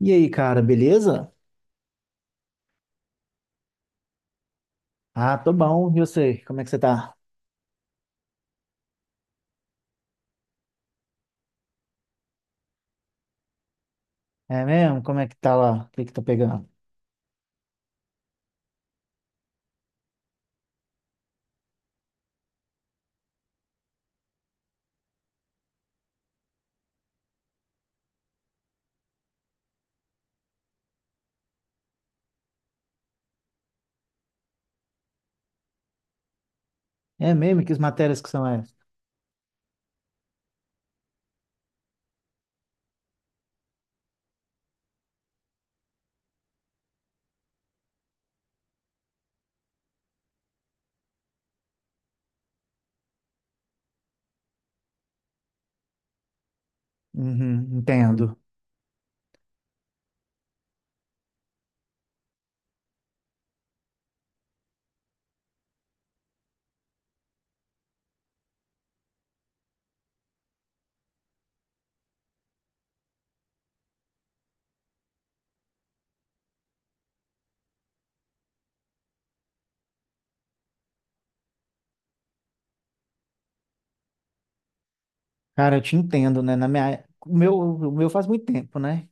E aí, cara, beleza? Ah, tô bom. E você? Como é que você tá? É mesmo? Como é que tá lá? O que que tá pegando? É mesmo? Que as matérias que são essas? Uhum, entendo. Cara, eu te entendo, né? O meu faz muito tempo, né?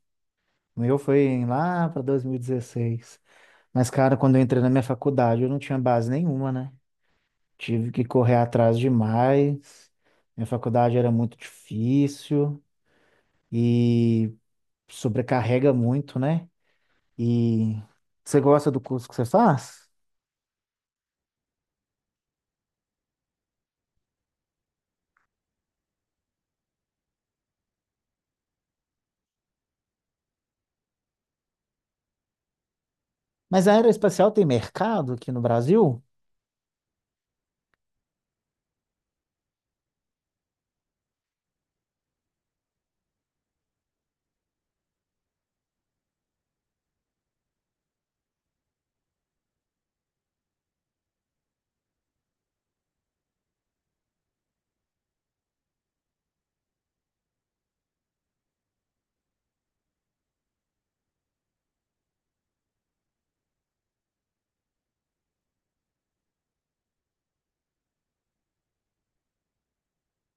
O meu foi lá pra 2016. Mas, cara, quando eu entrei na minha faculdade, eu não tinha base nenhuma, né? Tive que correr atrás demais. Minha faculdade era muito difícil e sobrecarrega muito, né? E você gosta do curso que você faz? Mas a aeroespacial tem mercado aqui no Brasil?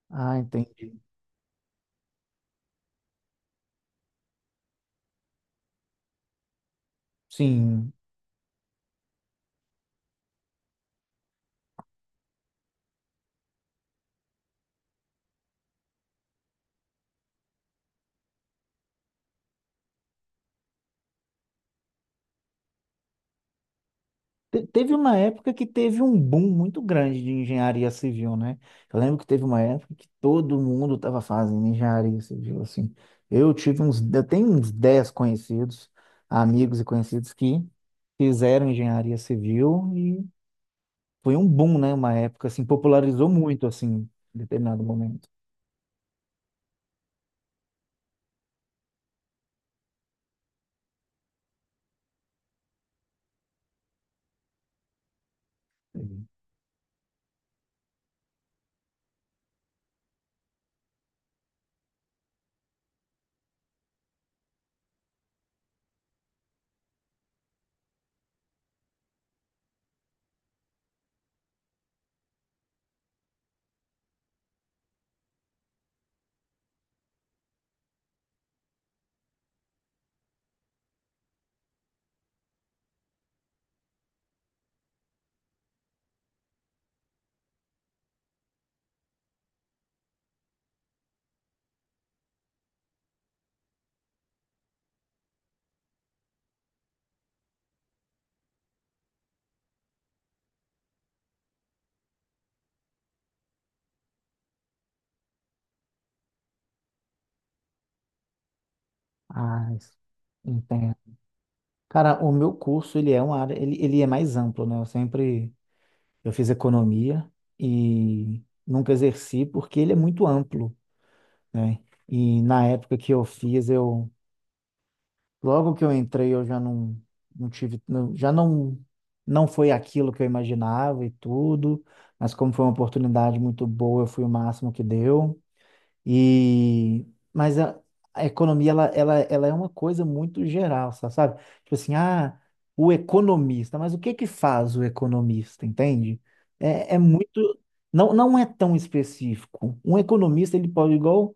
Ah, entendi. Sim. Teve uma época que teve um boom muito grande de engenharia civil, né? Eu lembro que teve uma época que todo mundo estava fazendo engenharia civil, assim. Eu tenho uns 10 conhecidos, amigos e conhecidos que fizeram engenharia civil e foi um boom, né? Uma época, assim, popularizou muito, assim, em determinado momento. Ah, entendo. Cara, o meu curso, ele é uma área, ele é mais amplo, né? Eu fiz economia e nunca exerci porque ele é muito amplo, né? E na época que eu fiz, logo que eu entrei, eu já não, não tive, não- já não, não foi aquilo que eu imaginava e tudo, mas como foi uma oportunidade muito boa, eu fui o máximo que deu. E mas a economia ela é uma coisa muito geral, sabe? Tipo assim, ah, o economista, mas o que que faz o economista, entende? É, muito, não é tão específico. Um economista ele pode igual,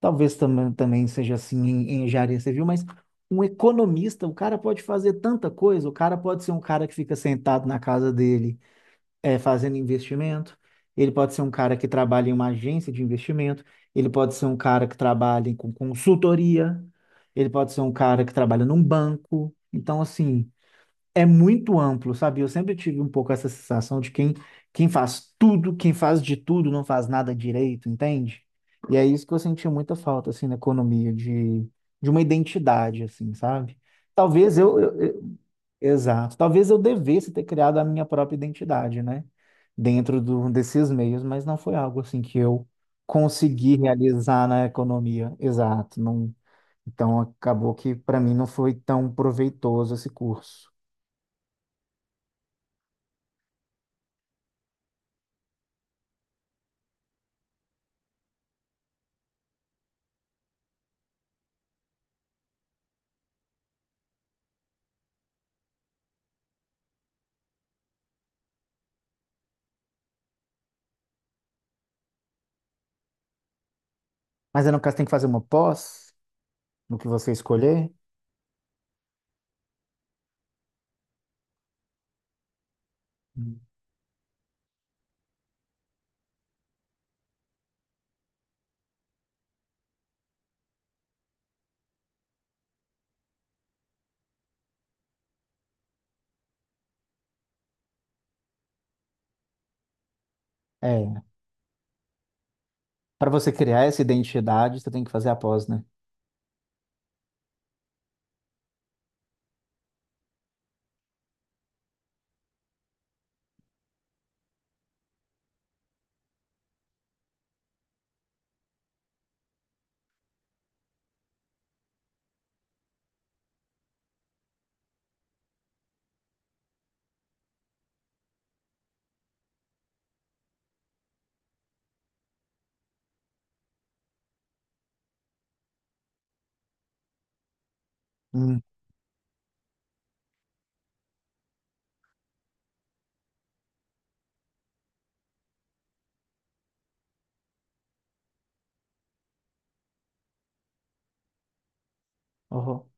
talvez também seja assim em engenharia civil, mas um economista, o cara pode fazer tanta coisa, o cara pode ser um cara que fica sentado na casa dele, fazendo investimento, ele pode ser um cara que trabalha em uma agência de investimento, ele pode ser um cara que trabalha com consultoria, ele pode ser um cara que trabalha num banco. Então, assim, é muito amplo, sabe? Eu sempre tive um pouco essa sensação de quem faz tudo, quem faz de tudo, não faz nada direito, entende? E é isso que eu senti muita falta, assim, na economia, de uma identidade, assim, sabe? Talvez eu, eu, Exato. Talvez eu devesse ter criado a minha própria identidade, né? Dentro desses meios, mas não foi algo assim que eu consegui realizar na economia. Exato. Não, então acabou que para mim não foi tão proveitoso esse curso. Mas aí, no caso, tem que fazer uma pós no que você escolher. Hum. É. Para você criar essa identidade, você tem que fazer a pós, né? Hum. Uhum.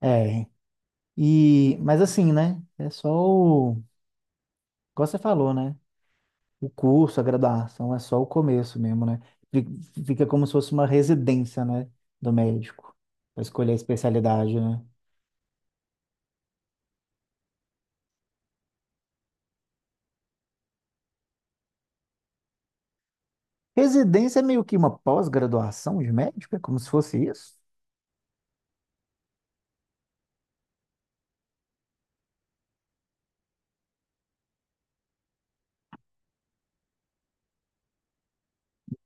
É. E, mas assim, né? É só o. Igual você falou, né? O curso, a graduação é só o começo mesmo, né? Fi- Fica como se fosse uma residência, né, do médico, para escolher a especialidade, né? Residência é meio que uma pós-graduação de médico, é como se fosse isso?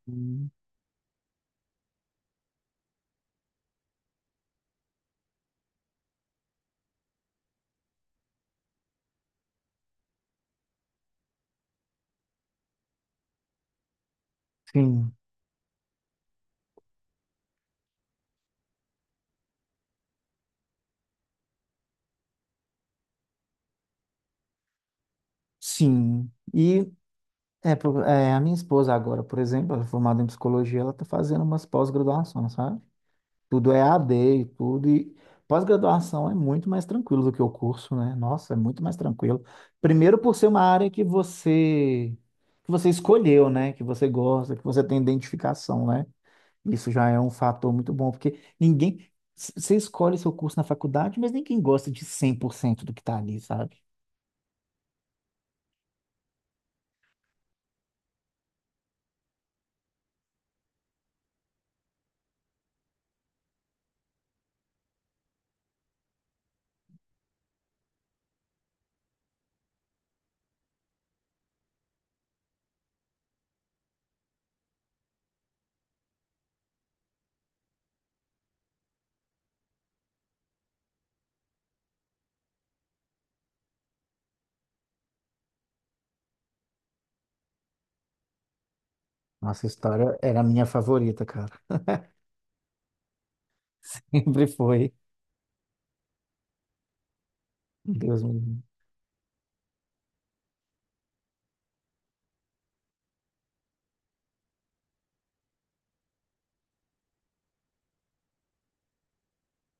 Hum. Sim, sim. E a minha esposa agora, por exemplo, ela é formada em psicologia, ela está fazendo umas pós-graduações, sabe? Tudo é AD e tudo. E pós-graduação é muito mais tranquilo do que o curso, né? Nossa, é muito mais tranquilo. Primeiro por ser uma área que você escolheu, né? Que você gosta, que você tem identificação, né? Isso já é um fator muito bom, porque você escolhe seu curso na faculdade, mas ninguém gosta de 100% do que tá ali, sabe? Nossa, a história era a minha favorita, cara. Sempre foi. Deus me livre.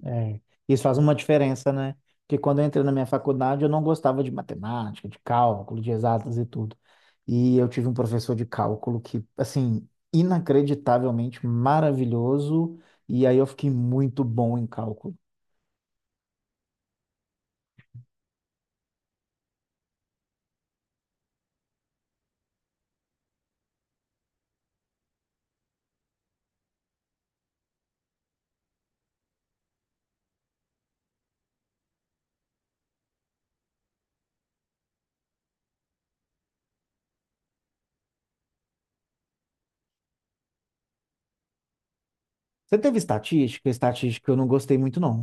É, isso faz uma diferença, né? Porque quando eu entrei na minha faculdade, eu não gostava de matemática, de cálculo, de exatas e tudo. E eu tive um professor de cálculo que, assim, inacreditavelmente maravilhoso, e aí eu fiquei muito bom em cálculo. Você teve estatística? Estatística eu não gostei muito, não.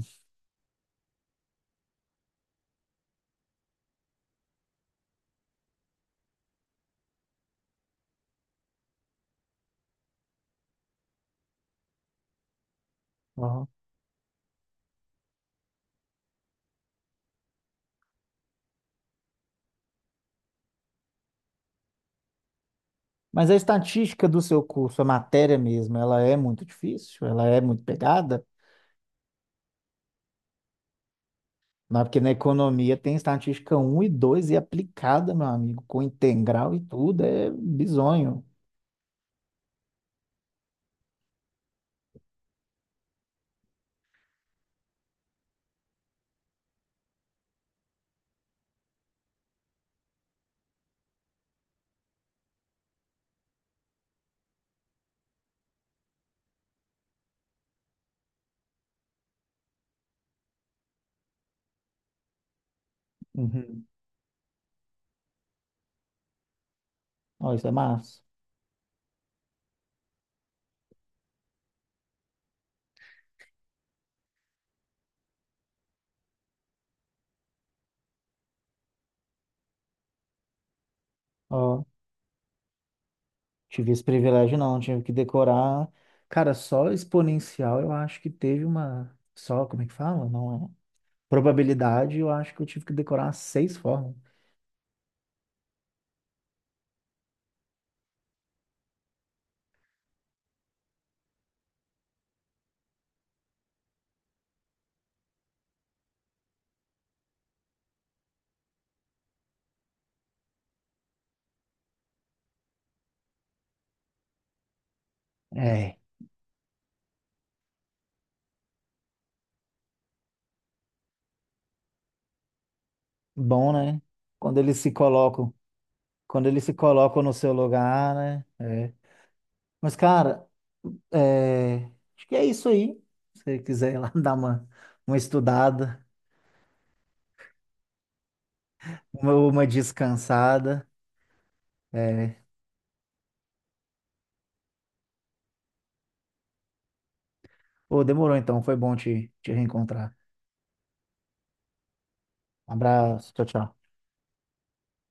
Aham. Mas a estatística do seu curso, a matéria mesmo, ela é muito difícil? Ela é muito pegada? Não, porque na economia tem estatística um e 2 e aplicada, meu amigo, com integral e tudo, é bizonho. Uhum. Ó, isso é massa. Ó, tive esse privilégio não, tive que decorar. Cara, só exponencial eu acho que teve uma. Só, como é que fala? Não é. Probabilidade, eu acho que eu tive que decorar umas seis formas. É, bom, né? Quando eles se colocam, quando eles se colocam no seu lugar, né? É. Mas, cara, É, acho que é isso aí. Se você quiser ir lá dar uma estudada, uma descansada. É. Ô, demorou então, foi bom te reencontrar. Um abraço, tchau, tchau.